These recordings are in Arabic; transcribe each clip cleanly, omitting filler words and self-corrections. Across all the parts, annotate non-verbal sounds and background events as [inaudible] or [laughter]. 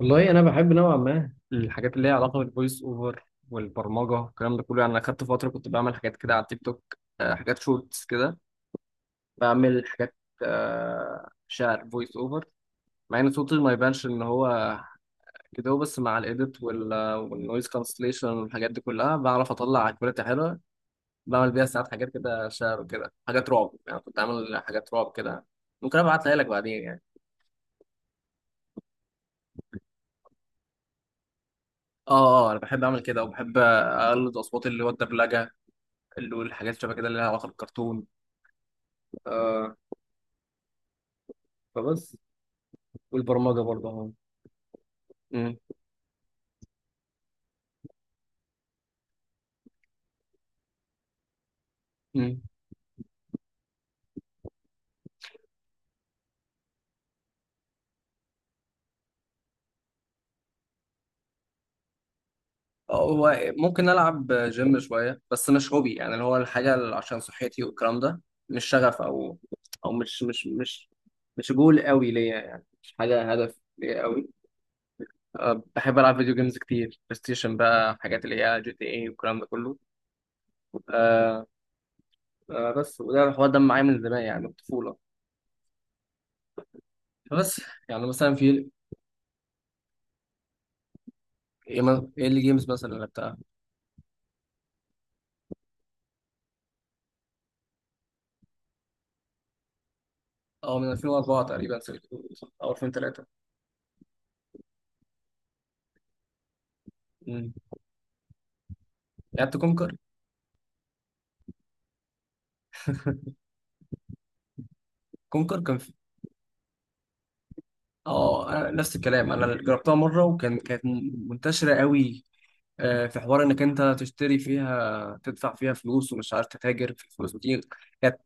والله انا بحب نوعا ما الحاجات اللي هي علاقه بالفويس اوفر والبرمجه الكلام ده كله. يعني انا خدت فتره كنت بعمل حاجات كده على التيك توك، حاجات شورتس كده. بعمل حاجات، شعر فويس اوفر، مع ان صوتي ما يبانش ان هو كده. بس مع الايديت والنويز كانسليشن والحاجات دي كلها بعرف اطلع كواليتي حلوه. بعمل بيها ساعات حاجات كده شعر وكده حاجات رعب. يعني كنت عامل حاجات رعب كده، ممكن ابعتها لك بعدين يعني. اه اه، انا بحب اعمل كده وبحب اقلد اصوات، اللي هو الدبلجه، اللي هو الحاجات شبه كده اللي لها علاقه بالكرتون. آه. فبس. والبرمجه برضه اهو. مم. مم. هو ممكن العب جيم شويه، بس مش هوبي. يعني اللي هو الحاجه اللي عشان صحتي والكلام ده. مش شغف، او مش جول قوي ليا. يعني مش حاجه هدف ليا قوي. أه بحب العب فيديو جيمز كتير، بلاي ستيشن بقى، حاجات اللي هي جي تي اي والكلام ده كله. أه. أه بس. وده الحوار ده معايا من زمان، يعني من الطفوله. فبس. يعني مثلا في ايه، إيه اللي جيمز مثلا اللي لعبتها. اه، من 2004 تقريبا سيلك رود، او 2003. امم. لعبت كونكر. كونكر كان في... اه، انا نفس الكلام، انا جربتها مره، وكان منتشره قوي. آه، في حوار انك انت تشتري فيها، تدفع فيها فلوس، ومش عارف تتاجر في الفلوس دي. كانت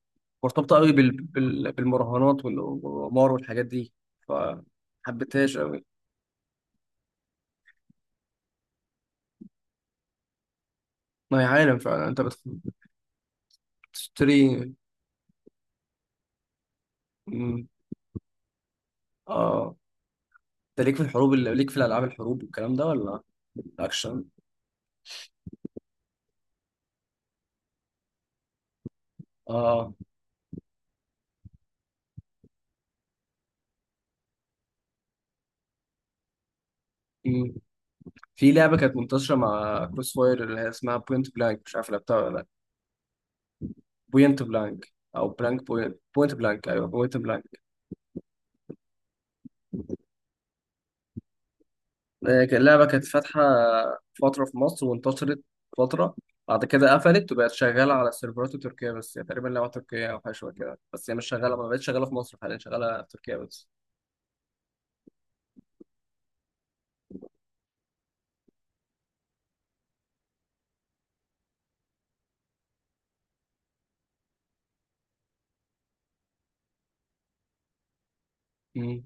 مرتبطه قوي بالمراهنات والقمار والحاجات دي. فحبيتهاش قوي. ما هي عالم فعلا. انت بتشتري. امم. اه، انت ليك في الحروب، اللي ليك في الالعاب الحروب والكلام ده، ولا اكشن. اه، في لعبة كانت منتشرة مع كروس فاير اللي هي اسمها بوينت بلانك، مش عارف لعبتها ولا لا. بوينت بلانك أو بلانك بوينت، بوينت بلانك أيوه بوينت بلانك. آه، اللعبة كانت فاتحة فترة في مصر، وانتشرت فترة. بعد كده قفلت وبقت شغالة على السيرفرات التركية، بس هي تقريبا لعبة تركية أو حاجة شبه كده. بس هي مش شغالة، ما بقتش شغالة في مصر حاليا، شغالة في تركيا بس. مم.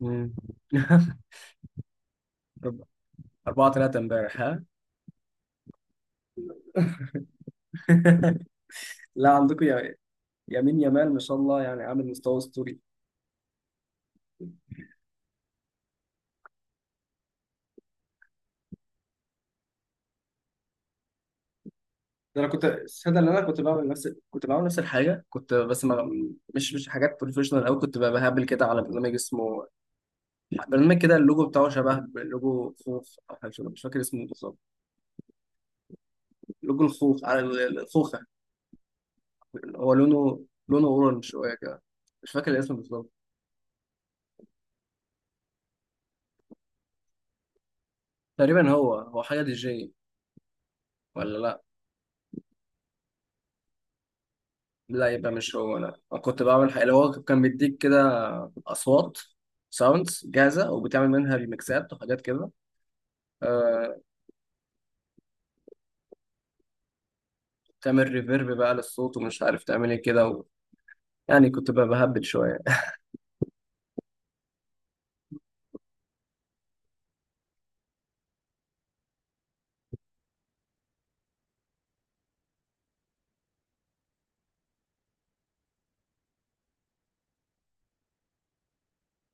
مم. [laughs] أربعة تلاتة امبارح ها. [laughs] لا عندكم يا، يمين يمال، ما شاء الله، يعني عامل مستوى أسطوري. ده انا كنت، الصدق ان انا كنت بعمل نفس الحاجه، كنت بس ما... مش حاجات بروفيشنال قوي. كنت بقى بهبل كده على برنامج اسمه، برنامج كده اللوجو بتاعه شبه لوجو خوخ او حاجه مش فاكر اسمه بالظبط. لوجو الخوخ على الخوخه. هو لونه اورنج شويه كده. مش فاكر الاسم بالظبط. تقريبا هو حاجه دي جي ولا لا. لا يبقى مش هو. لا، أنا كنت بعمل حاجه اللي هو كان بيديك كده اصوات، ساوندز جاهزه وبتعمل منها ريمكسات وحاجات كده. آه، تعمل ريفيرب بقى للصوت، ومش عارف تعمل ايه كده و... يعني كنت بقى بهبد شويه.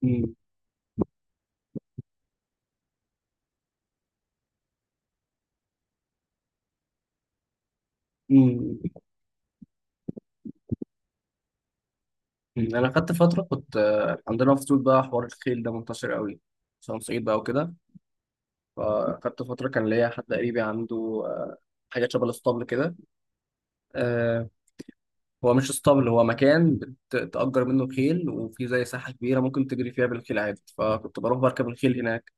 مم. مم. مم. انا خدت فتره كنت، عندنا في اسيوط بقى حوار الخيل ده منتشر قوي، عشان صعيد بقى وكده. فخدت فتره كان ليا حد قريبي عنده، آه، حاجات شبه الاسطبل كده. آه، هو مش اسطبل، هو مكان بتأجر منه خيل، وفي زي ساحه كبيره ممكن تجري فيها بالخيل عادي. فكنت بروح بركب الخيل هناك.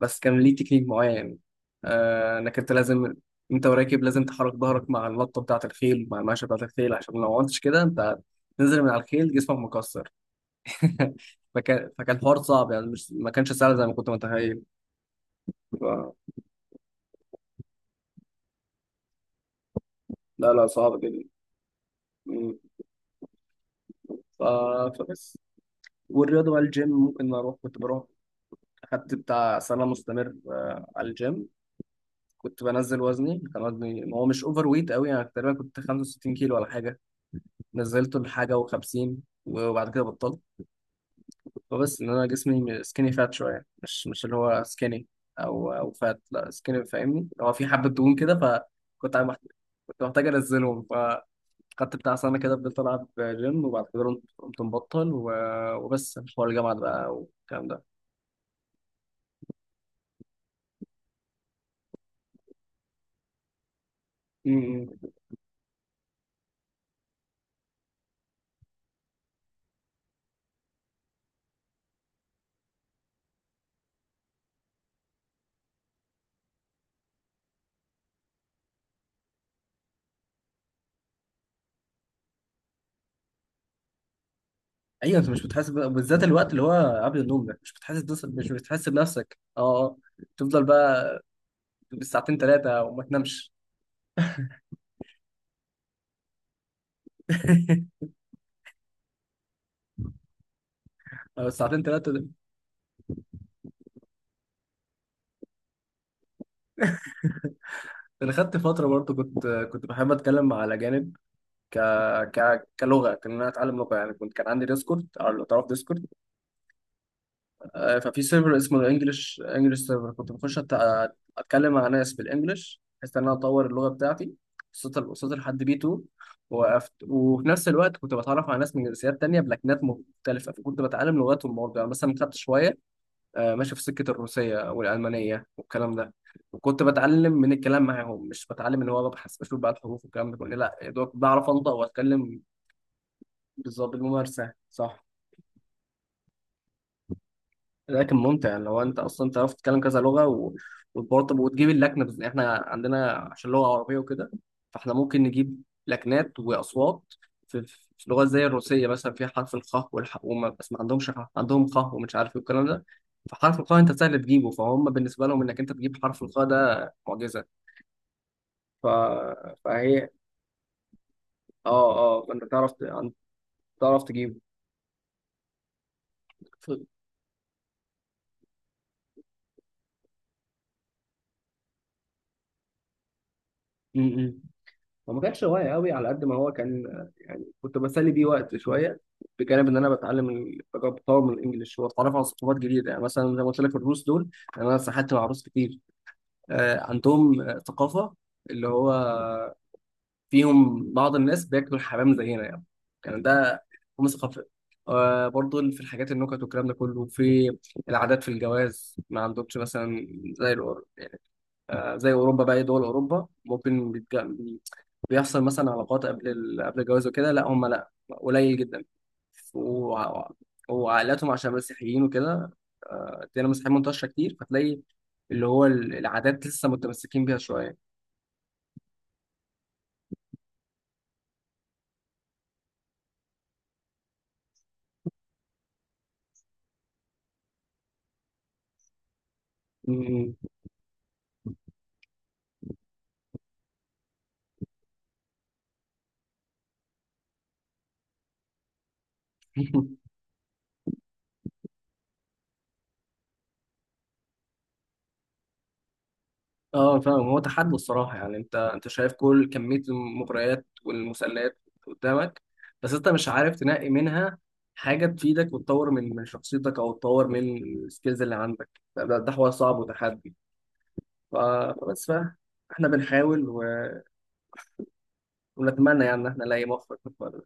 بس كان ليه تكنيك معين، انك انت لازم، انت وراكب لازم تحرك ظهرك مع اللطه بتاعه الخيل، مع الماشيه بتاعه الخيل، عشان لو ما عملتش كده انت تنزل من على الخيل جسمك مكسر. [laughs] فكان حوار صعب يعني. مش، ما كانش سهل زي ما كنت متخيل. ف... لا لا، صعب جدا. مم. ف... فبس. والرياضه بقى الجيم ممكن اروح. كنت بروح، خدت بتاع سنه مستمر على الجيم. كنت بنزل وزني، كان وزني هو مش اوفر ويت قوي يعني، تقريبا كنت 65 كيلو ولا حاجه. نزلته لحاجة وخمسين، وبعد كده بطلت. فبس إن أنا جسمي سكيني فات شوية، مش اللي هو سكيني، أو فات، لا سكيني فاهمني، هو في حبة دهون كده. فكنت عم- كنت محتاج أنزلهم. فخدت بتاع سنة كده، فضلت ألعب جيم. وبعد كده قمت مبطل وبس، حوار الجامعة ده بقى والكلام ده. م- م. أيوه أنت مش بتحاسب بالذات الوقت اللي هو قبل النوم ده، مش بتحاسب نفسك أه آه. تفضل بقى بالساعتين ثلاثة وما تنامش. [laughs] أو الساعتين ثلاثة. انا خدت فتره برضو، كنت بحب اتكلم مع الاجانب، ك... كلغه، كان انا اتعلم لغه يعني. كنت، كان عندي ديسكورد، او لو تعرف ديسكورد. ففي سيرفر اسمه الانجليش انجليش سيرفر. كنت بخش اتكلم مع ناس بالانجليش، بحيث ان انا اطور اللغه بتاعتي. وصلت لحد بي 2، وقفت. وفي نفس الوقت كنت بتعرف على ناس من جنسيات تانية بلكنات مختلفه، فكنت بتعلم لغاتهم برضه. يعني مثلا خدت شويه، ماشي في سكة الروسية والألمانية والكلام ده. وكنت بتعلم من الكلام معاهم، مش بتعلم ان هو ببحث بشوف بقى الحروف والكلام ده كله. لا، يا دوب بعرف انطق واتكلم. بالظبط، بالممارسة صح. لكن ممتع لو انت اصلا تعرف تتكلم كذا لغه و... وبرضه وتجيب اللكنه. بس احنا عندنا عشان لغه عربيه وكده، فاحنا ممكن نجيب لكنات واصوات. في لغات زي الروسيه مثلا فيها حرف الخاء والح، وما بس ما عندهمش خ، عندهم خاء ومش عارف ايه والكلام ده. فحرف الخاء انت سهل تجيبه، فهم بالنسبه لهم انك انت تجيب حرف الخاء ده معجزه. ف... فهي، اه اه، فانت تعرف تعرف تجيبه. ف... م- م. هو ما كانش هواية قوي على قد ما هو كان، يعني كنت بسلي بيه وقت شوية، بجانب ان انا بتعلم بطور من الانجليش، واتعرف على ثقافات جديده. يعني مثلا زي ما قلت لك الروس دول، يعني انا سحبت مع روس كتير. عندهم ثقافه اللي هو فيهم بعض الناس بياكلوا الحمام زينا يعني. كان ده هم ثقافه. برضو في الحاجات، النكت والكلام ده كله، في العادات، في الجواز ما عندهمش مثلا زي يعني زي اوروبا بقى، دول اوروبا ممكن بيحصل مثلا علاقات قبل قبل الجواز وكده. لا هم لا، قليل جدا. وع- وعائلاتهم عشان مسيحيين وكده، الديانة المسيحية منتشرة كتير. فتلاقي اللي هو العادات لسه متمسكين بيها شوية. م- م. [laughs] اه فاهم. هو تحدي الصراحة يعني. انت شايف كل كمية المغريات والمسلات قدامك، بس انت مش عارف تنقي منها حاجة تفيدك وتطور من شخصيتك، او تطور من السكيلز اللي عندك. ده حوار صعب وتحدي. فبس بقى، احنا بنحاول ونتمنى يعني ان احنا نلاقي مخرج في الفرق.